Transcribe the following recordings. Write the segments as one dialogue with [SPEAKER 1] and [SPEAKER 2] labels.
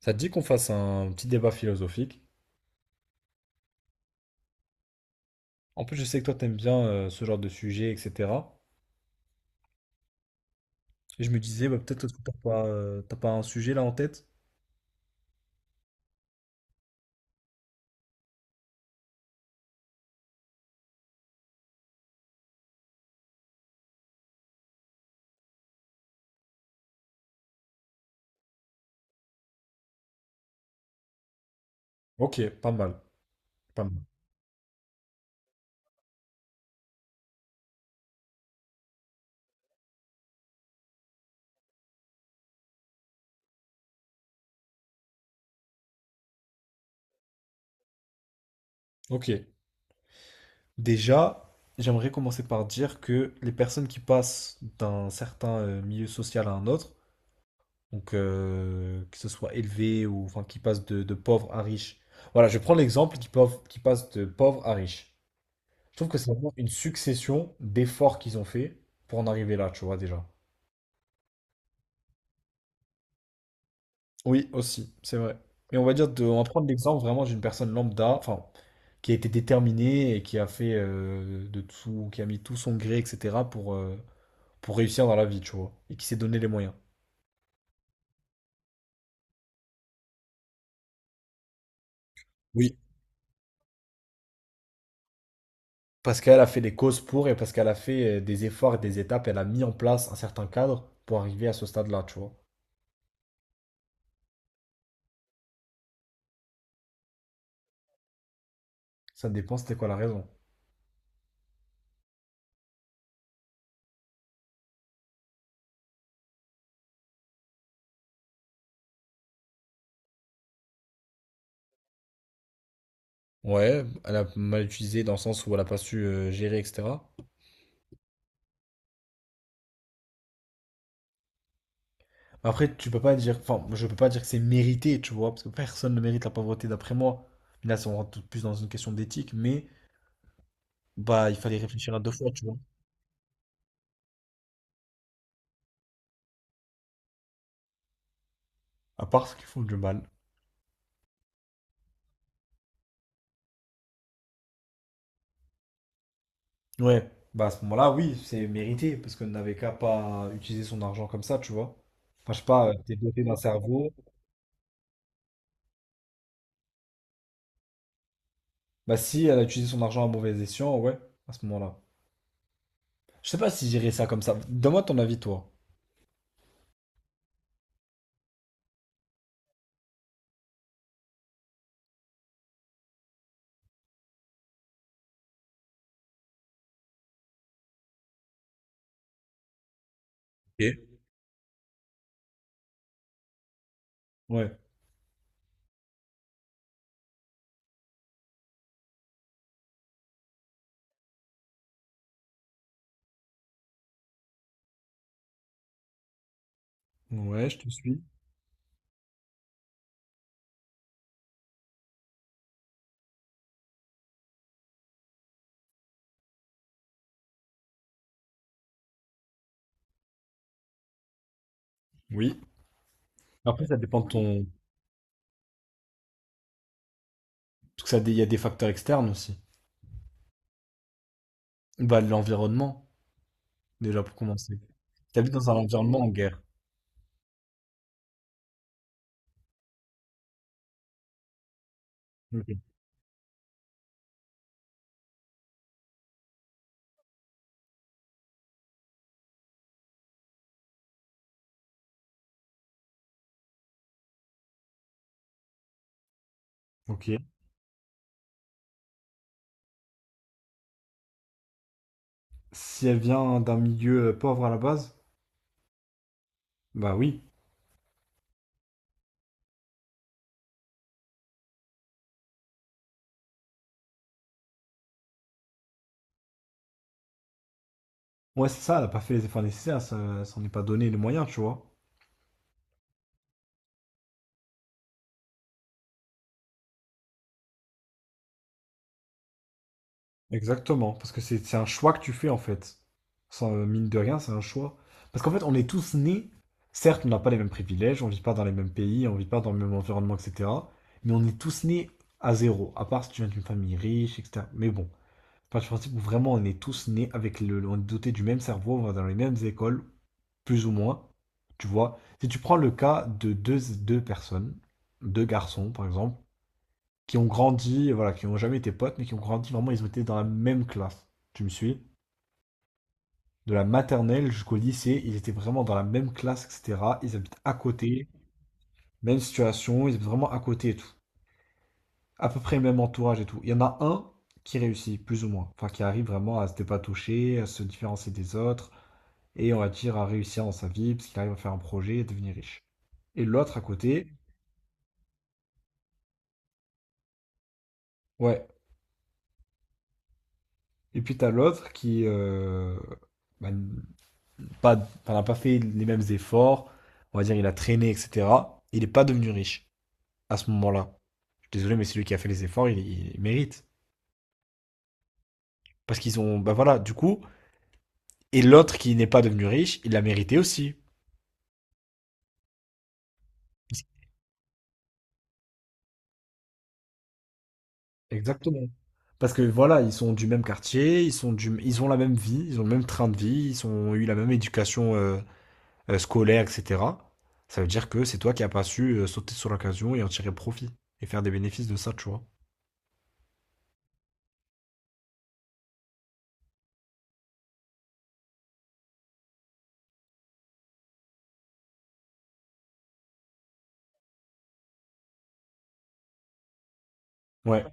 [SPEAKER 1] Ça te dit qu'on fasse un petit débat philosophique? En plus, je sais que toi, t'aimes bien ce genre de sujet, etc. Et je me disais, peut-être que t'as pas un sujet là en tête? Ok, pas mal, pas mal. Ok. Déjà, j'aimerais commencer par dire que les personnes qui passent d'un certain milieu social à un autre, donc que ce soit élevé ou enfin qui passent de pauvre à riche. Voilà, je prends qui passe de pauvre à riche. Je trouve que c'est vraiment une succession d'efforts qu'ils ont fait pour en arriver là, tu vois déjà. Oui, aussi, c'est vrai. Mais on va prendre l'exemple vraiment d'une personne lambda, enfin, qui a été déterminée et qui a fait de tout, qui a mis tout son gré, etc. Pour réussir dans la vie, tu vois, et qui s'est donné les moyens. Oui. Parce qu'elle a fait des causes pour et parce qu'elle a fait des efforts et des étapes, elle a mis en place un certain cadre pour arriver à ce stade-là, tu vois. Ça dépend, c'était quoi la raison. Ouais, elle a mal utilisé dans le sens où elle a pas su gérer, etc. Après, tu peux pas dire, enfin, je peux pas dire que c'est mérité, tu vois, parce que personne ne mérite la pauvreté, d'après moi. Là, ça, on rentre tout plus dans une question d'éthique, mais bah, il fallait réfléchir à deux fois, tu vois. À part ceux qui font du mal. Ouais, bah à ce moment-là, oui, c'est mérité, parce qu'on n'avait qu'à pas utiliser son argent comme ça, tu vois. Enfin, je sais pas, t'es doté d'un cerveau. Bah si, elle a utilisé son argent à mauvais escient, ouais, à ce moment-là. Je sais pas si j'irais ça comme ça. Donne-moi ton avis, toi. Ok. Ouais. Ouais, je te suis. Oui. Après, ça dépend de ton... Parce que ça, dé- il y a des facteurs externes aussi. Bah, l'environnement, déjà pour commencer. T'habites dans un environnement en guerre. Ok. Ok. Si elle vient d'un milieu pauvre à la base, bah oui. Ouais, c'est ça, elle a pas fait les efforts nécessaires, ça s'en est pas donné les moyens, tu vois. Exactement, parce que c'est un choix que tu fais en fait. Sans, mine de rien, c'est un choix. Parce qu'en fait, on est tous nés, certes, on n'a pas les mêmes privilèges, on vit pas dans les mêmes pays, on vit pas dans le même environnement, etc. Mais on est tous nés à zéro, à part si tu viens d'une famille riche, etc. Mais bon, enfin, je principe où vraiment on est tous nés avec le, on est dotés du même cerveau, on va dans les mêmes écoles, plus ou moins. Tu vois, si tu prends le cas de deux personnes, deux garçons par exemple, qui ont grandi, voilà, qui n'ont jamais été potes, mais qui ont grandi vraiment, ils ont été dans la même classe. Tu me suis? De la maternelle jusqu'au lycée, ils étaient vraiment dans la même classe, etc. Ils habitent à côté, même situation, ils habitent vraiment à côté et tout. À peu près le même entourage et tout. Il y en a un qui réussit, plus ou moins. Enfin, qui arrive vraiment à se dépatoucher, à se différencier des autres et on va dire à réussir dans sa vie, parce qu'il arrive à faire un projet et devenir riche. Et l'autre à côté, ouais. Et puis t'as l'autre qui bah, n- pas, enfin, n'a pas fait les mêmes efforts, on va dire il a traîné, etc. Il n'est pas devenu riche à ce moment-là. Je suis désolé, mais celui qui a fait les efforts, il mérite. Parce qu'ils ont, bah voilà, du coup, et l'autre qui n'est pas devenu riche, il l'a mérité aussi. Exactement. Parce que voilà, ils sont du même quartier, ils ont la même vie, ils ont le même train de vie, ils ont eu la même éducation scolaire, etc., ça veut dire que c'est toi qui n'as pas su sauter sur l'occasion et en tirer profit et faire des bénéfices de ça, tu vois. Ouais,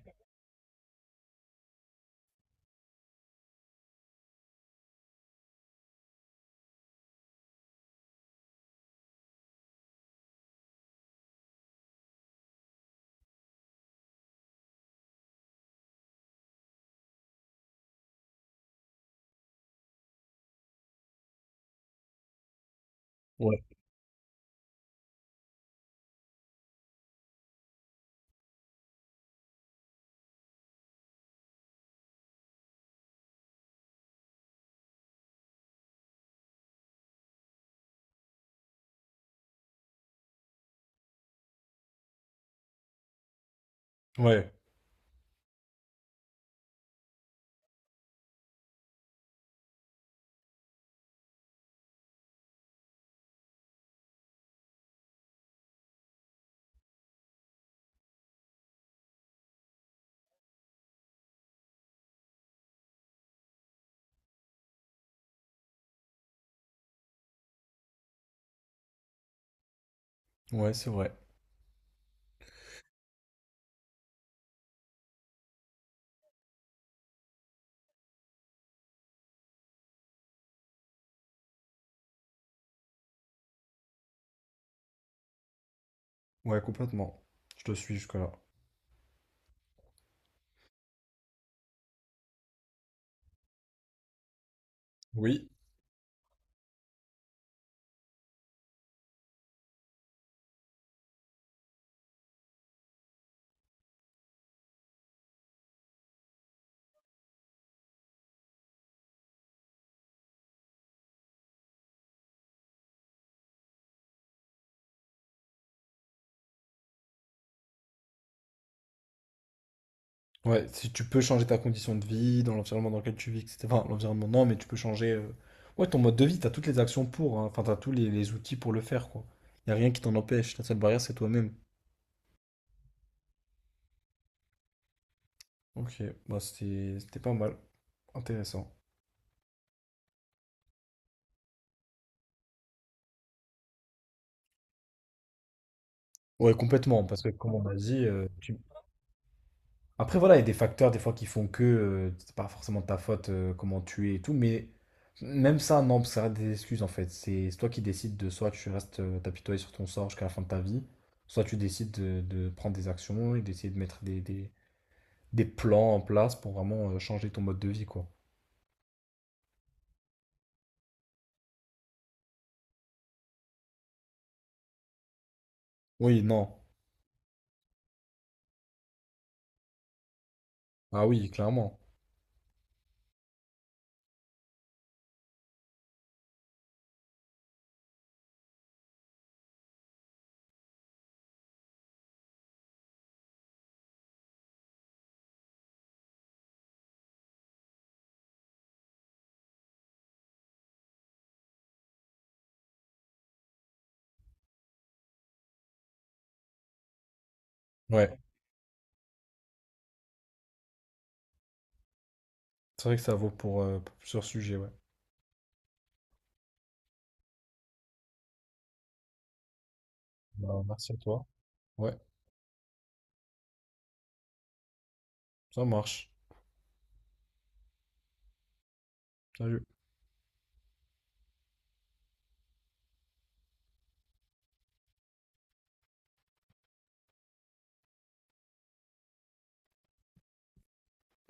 [SPEAKER 1] ouais, ouais, ouais, c'est vrai. Ouais, complètement. Je te suis jusque-là. Oui. Ouais, si tu peux changer ta condition de vie, dans l'environnement dans lequel tu vis, etc. Enfin, l'environnement, non, mais tu peux changer. Ouais, ton mode de vie, t'as toutes les actions pour, hein. Enfin, t'as tous les outils pour le faire, quoi. Y a rien qui t'en empêche. La seule barrière, c'est toi-même. Ok, bah c'était pas mal. Intéressant. Ouais, complètement, parce que comme on a dit, tu, après, voilà, il y a des facteurs des fois qui font que c'est pas forcément de ta faute comment tu es et tout, mais même ça, non, ça reste des excuses en fait. C'est toi qui décides de soit tu restes t'apitoyer sur ton sort jusqu'à la fin de ta vie, soit tu décides de prendre des actions et d'essayer de mettre des plans en place pour vraiment changer ton mode de vie, quoi. Oui, non. Ah oui, clairement. Ouais, c'est vrai que ça vaut pour plusieurs sujets, ouais. Bah, merci à toi. Ouais, ça marche. Salut.